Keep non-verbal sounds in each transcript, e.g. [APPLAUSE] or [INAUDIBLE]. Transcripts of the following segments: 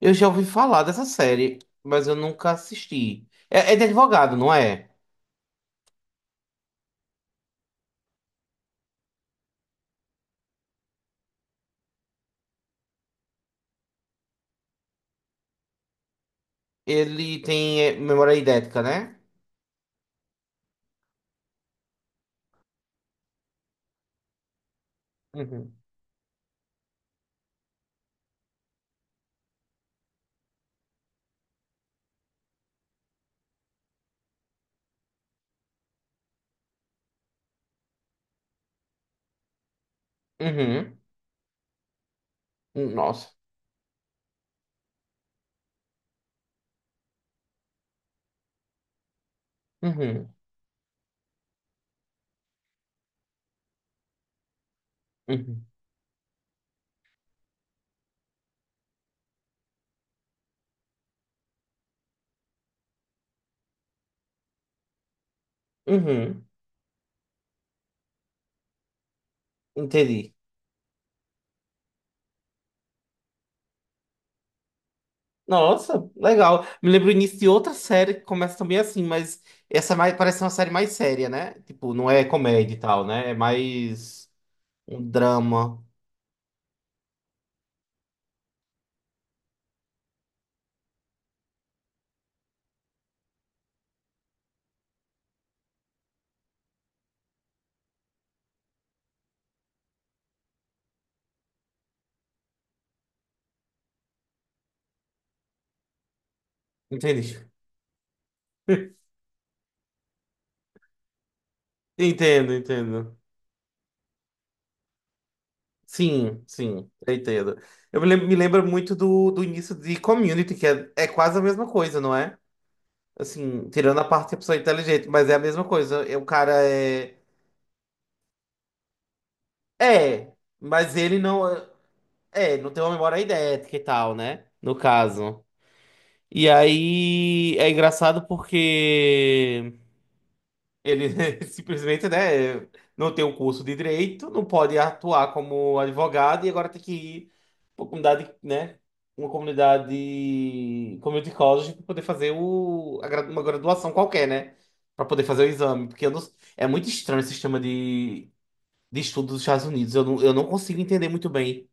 Eu já ouvi falar dessa série, mas eu nunca assisti. É de advogado, não é? Ele tem memória idética, né? Uhum. Uhum. Nossa. Uhum. Uhum. Uhum. Entendi. Nossa, legal. Me lembro o início de outra série que começa também assim, mas essa é mais, parece uma série mais séria, né? Tipo, não é comédia e tal, né? É mais um drama. Entendi. [LAUGHS] Entendo, entendo. Sim, sim, eu entendo. Eu me lembro muito do início de Community, que é quase a mesma coisa, não é? Assim, tirando a parte que a pessoa é inteligente, mas é a mesma coisa. É, o cara é. É, mas ele não. É, não tem uma memória idética e tal, né? No caso. E aí é engraçado porque. Ele [LAUGHS] simplesmente, né, não tem o curso de direito, não pode atuar como advogado e agora tem que ir para uma comunidade, né, uma comunidade, community college para poder fazer a uma graduação qualquer, né, para poder fazer o exame, porque eu não- é muito estranho o sistema de estudo dos Estados Unidos, eu não consigo entender muito bem.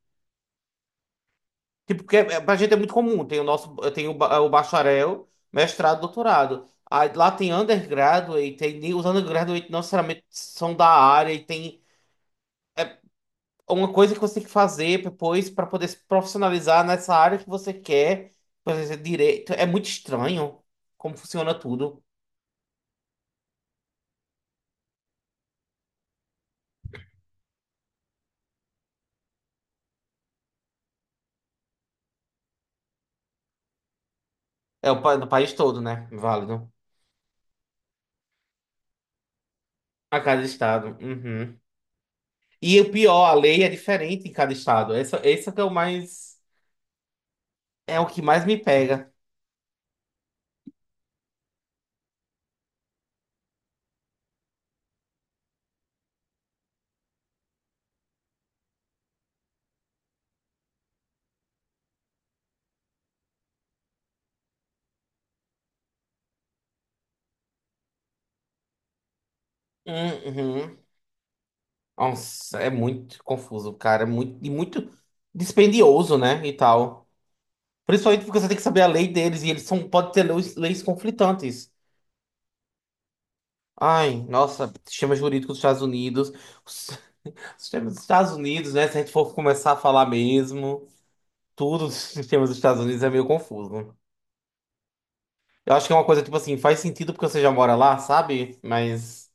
Tipo, porque pra gente é muito comum. Tem o nosso, tem o, o bacharel, mestrado, doutorado. Aí, lá tem undergraduate, tem, os undergraduate não necessariamente são da área e tem é uma coisa que você tem que fazer depois para poder se profissionalizar nessa área que você quer, por exemplo, direito. É muito estranho como funciona tudo. É o no país todo, né? Válido. A cada estado. Uhum. E o pior, a lei é diferente em cada estado. Esse é que é o mais, é o que mais me pega. Uhum. Nossa, é muito confuso, cara. É muito, e muito dispendioso, né? E tal. Principalmente porque você tem que saber a lei deles e eles são, pode ter leis, leis conflitantes. Ai, nossa, sistema jurídico dos Estados Unidos. Os [LAUGHS] sistemas dos Estados Unidos, né? Se a gente for começar a falar mesmo, tudo dos sistemas dos Estados Unidos é meio confuso. Eu acho que é uma coisa tipo assim, faz sentido porque você já mora lá, sabe? Mas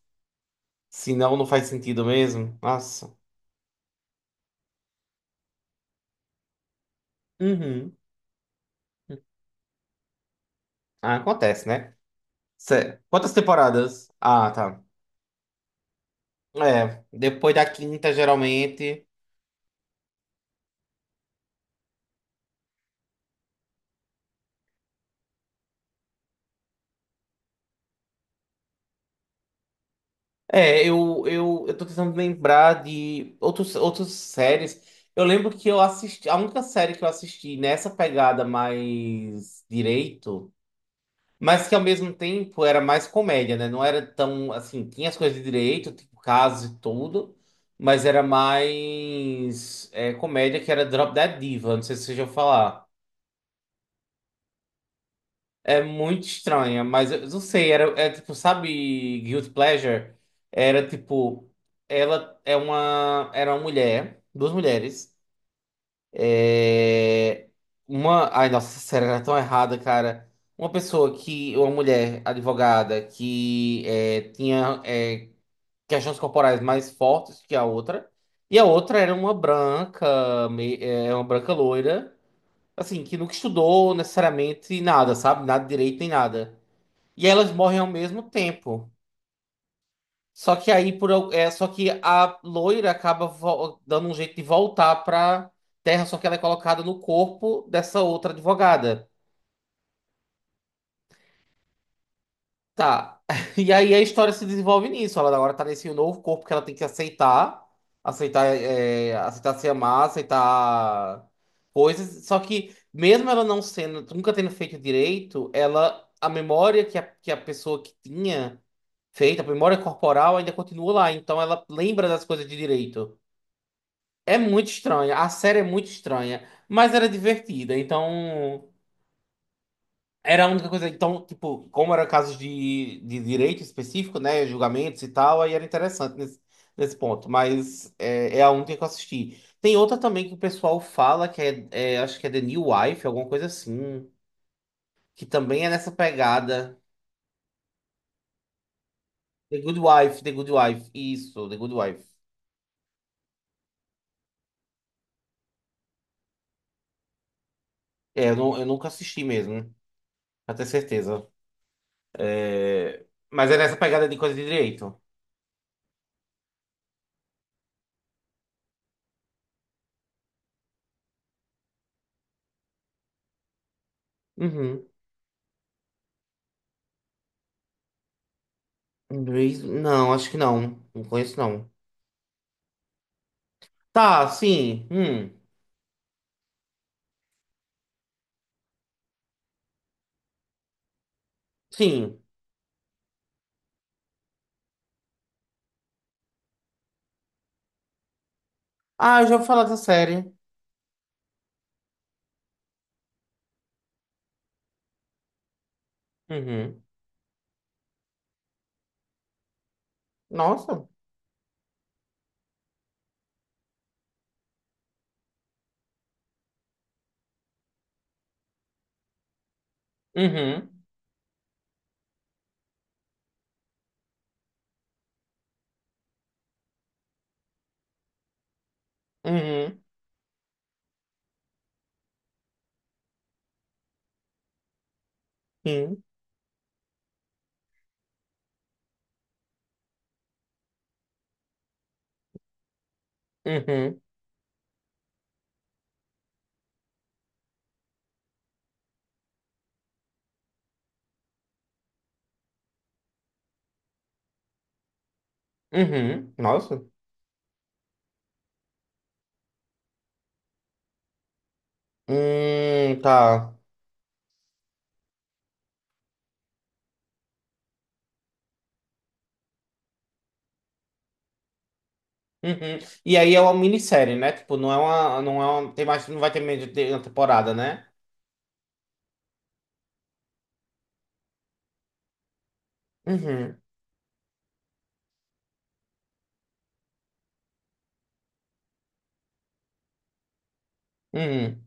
se não, não faz sentido mesmo. Nossa. Uhum. Ah, acontece, né? Quantas temporadas? Ah, tá. É, depois da quinta, geralmente. É, eu tô tentando lembrar de outros, outras séries. Eu lembro que eu assisti. A única série que eu assisti nessa pegada mais direito, mas que ao mesmo tempo era mais comédia, né? Não era tão assim. Tinha as coisas de direito, tipo casos e tudo, mas era mais comédia, que era Drop Dead Diva. Não sei se vocês já ouviram falar. É muito estranha, mas eu não sei, era, é tipo, sabe, Guilty Pleasure? Era tipo, era uma mulher, duas mulheres, é, uma, ai nossa, essa série era tão errada, cara. Uma mulher advogada que tinha questões corporais mais fortes que a outra, e a outra era uma branca, é, uma branca loira, assim, que nunca estudou necessariamente nada, sabe? Nada de direito nem nada. E elas morrem ao mesmo tempo. Só que aí é só que a loira acaba dando um jeito de voltar pra Terra, só que ela é colocada no corpo dessa outra advogada. Tá. [LAUGHS] E aí a história se desenvolve nisso. Ela agora tá nesse novo corpo que ela tem que aceitar, aceitar, é, aceitar se amar, aceitar coisas. Só que mesmo ela não sendo, nunca tendo feito direito, ela a memória que a pessoa que tinha feita a memória corporal, ainda continua lá. Então ela lembra das coisas de direito. É muito estranha. A série é muito estranha. Mas era divertida. Então. Era a única coisa. Então, tipo, como era casos de direito específico, né? Julgamentos e tal, aí era interessante nesse, nesse ponto. Mas é a única que eu assisti. Tem outra também que o pessoal fala, acho que é The New Wife, alguma coisa assim. Que também é nessa pegada. The Good Wife, The Good Wife. Isso, The Good Wife. É, eu, não, eu nunca assisti mesmo. Pra ter certeza. É, mas é nessa pegada de coisa de direito. Uhum. Inglês? Não, acho que não. Não conheço, não. Tá, sim. Sim. Ah, eu já ouvi falar dessa série. Uhum. Nossa. Uhum. Uhum. Sim. Uhum. Uhum. Nossa. Tá. Uhum. E aí é uma minissérie, né? Tipo, não é uma, não é uma, tem mais, não vai ter meio de uma temporada, né? Uhum. Uhum.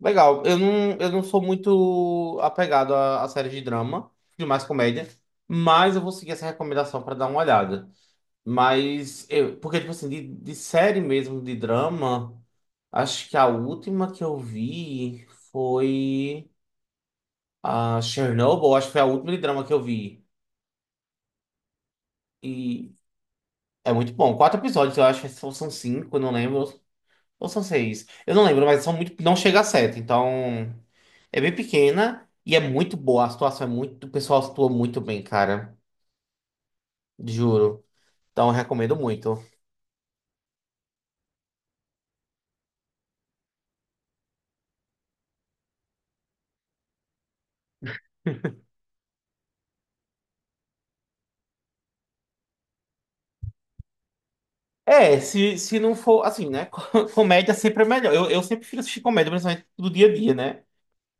Legal. Eu não sou muito apegado a séries de drama, de mais comédia, mas eu vou seguir essa recomendação para dar uma olhada. Mas, eu, porque, tipo assim, de série mesmo, de drama, acho que a última que eu vi foi a Chernobyl, acho que foi a última de drama que eu vi. E é muito bom. Quatro episódios, eu acho que são cinco, eu não lembro. Ou são seis. Eu não lembro, mas são muito. Não chega a sete, então. É bem pequena e é muito boa. A situação é muito. O pessoal atua muito bem, cara. Juro. Então, eu recomendo muito. É, se não for assim, né? [LAUGHS] Comédia sempre é melhor. Eu sempre prefiro assistir comédia, principalmente do dia a dia, né?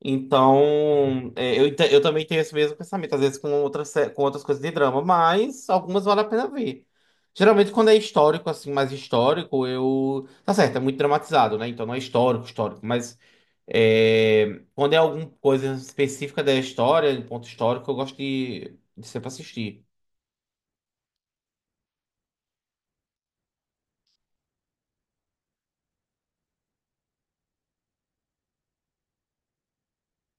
Então, é, eu, eu também tenho esse mesmo pensamento, às vezes com outras, com outras coisas de drama, mas algumas vale a pena ver. Geralmente, quando é histórico, assim, mais histórico, eu. Tá certo, é muito dramatizado, né? Então, não é histórico, histórico, mas. É, quando é alguma coisa específica da história, de ponto histórico, eu gosto de sempre assistir.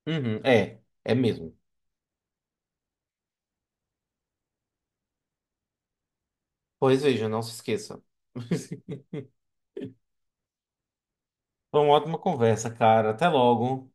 Uhum, é, é mesmo. Pois veja, não se esqueça. [LAUGHS] Foi uma ótima conversa, cara. Até logo.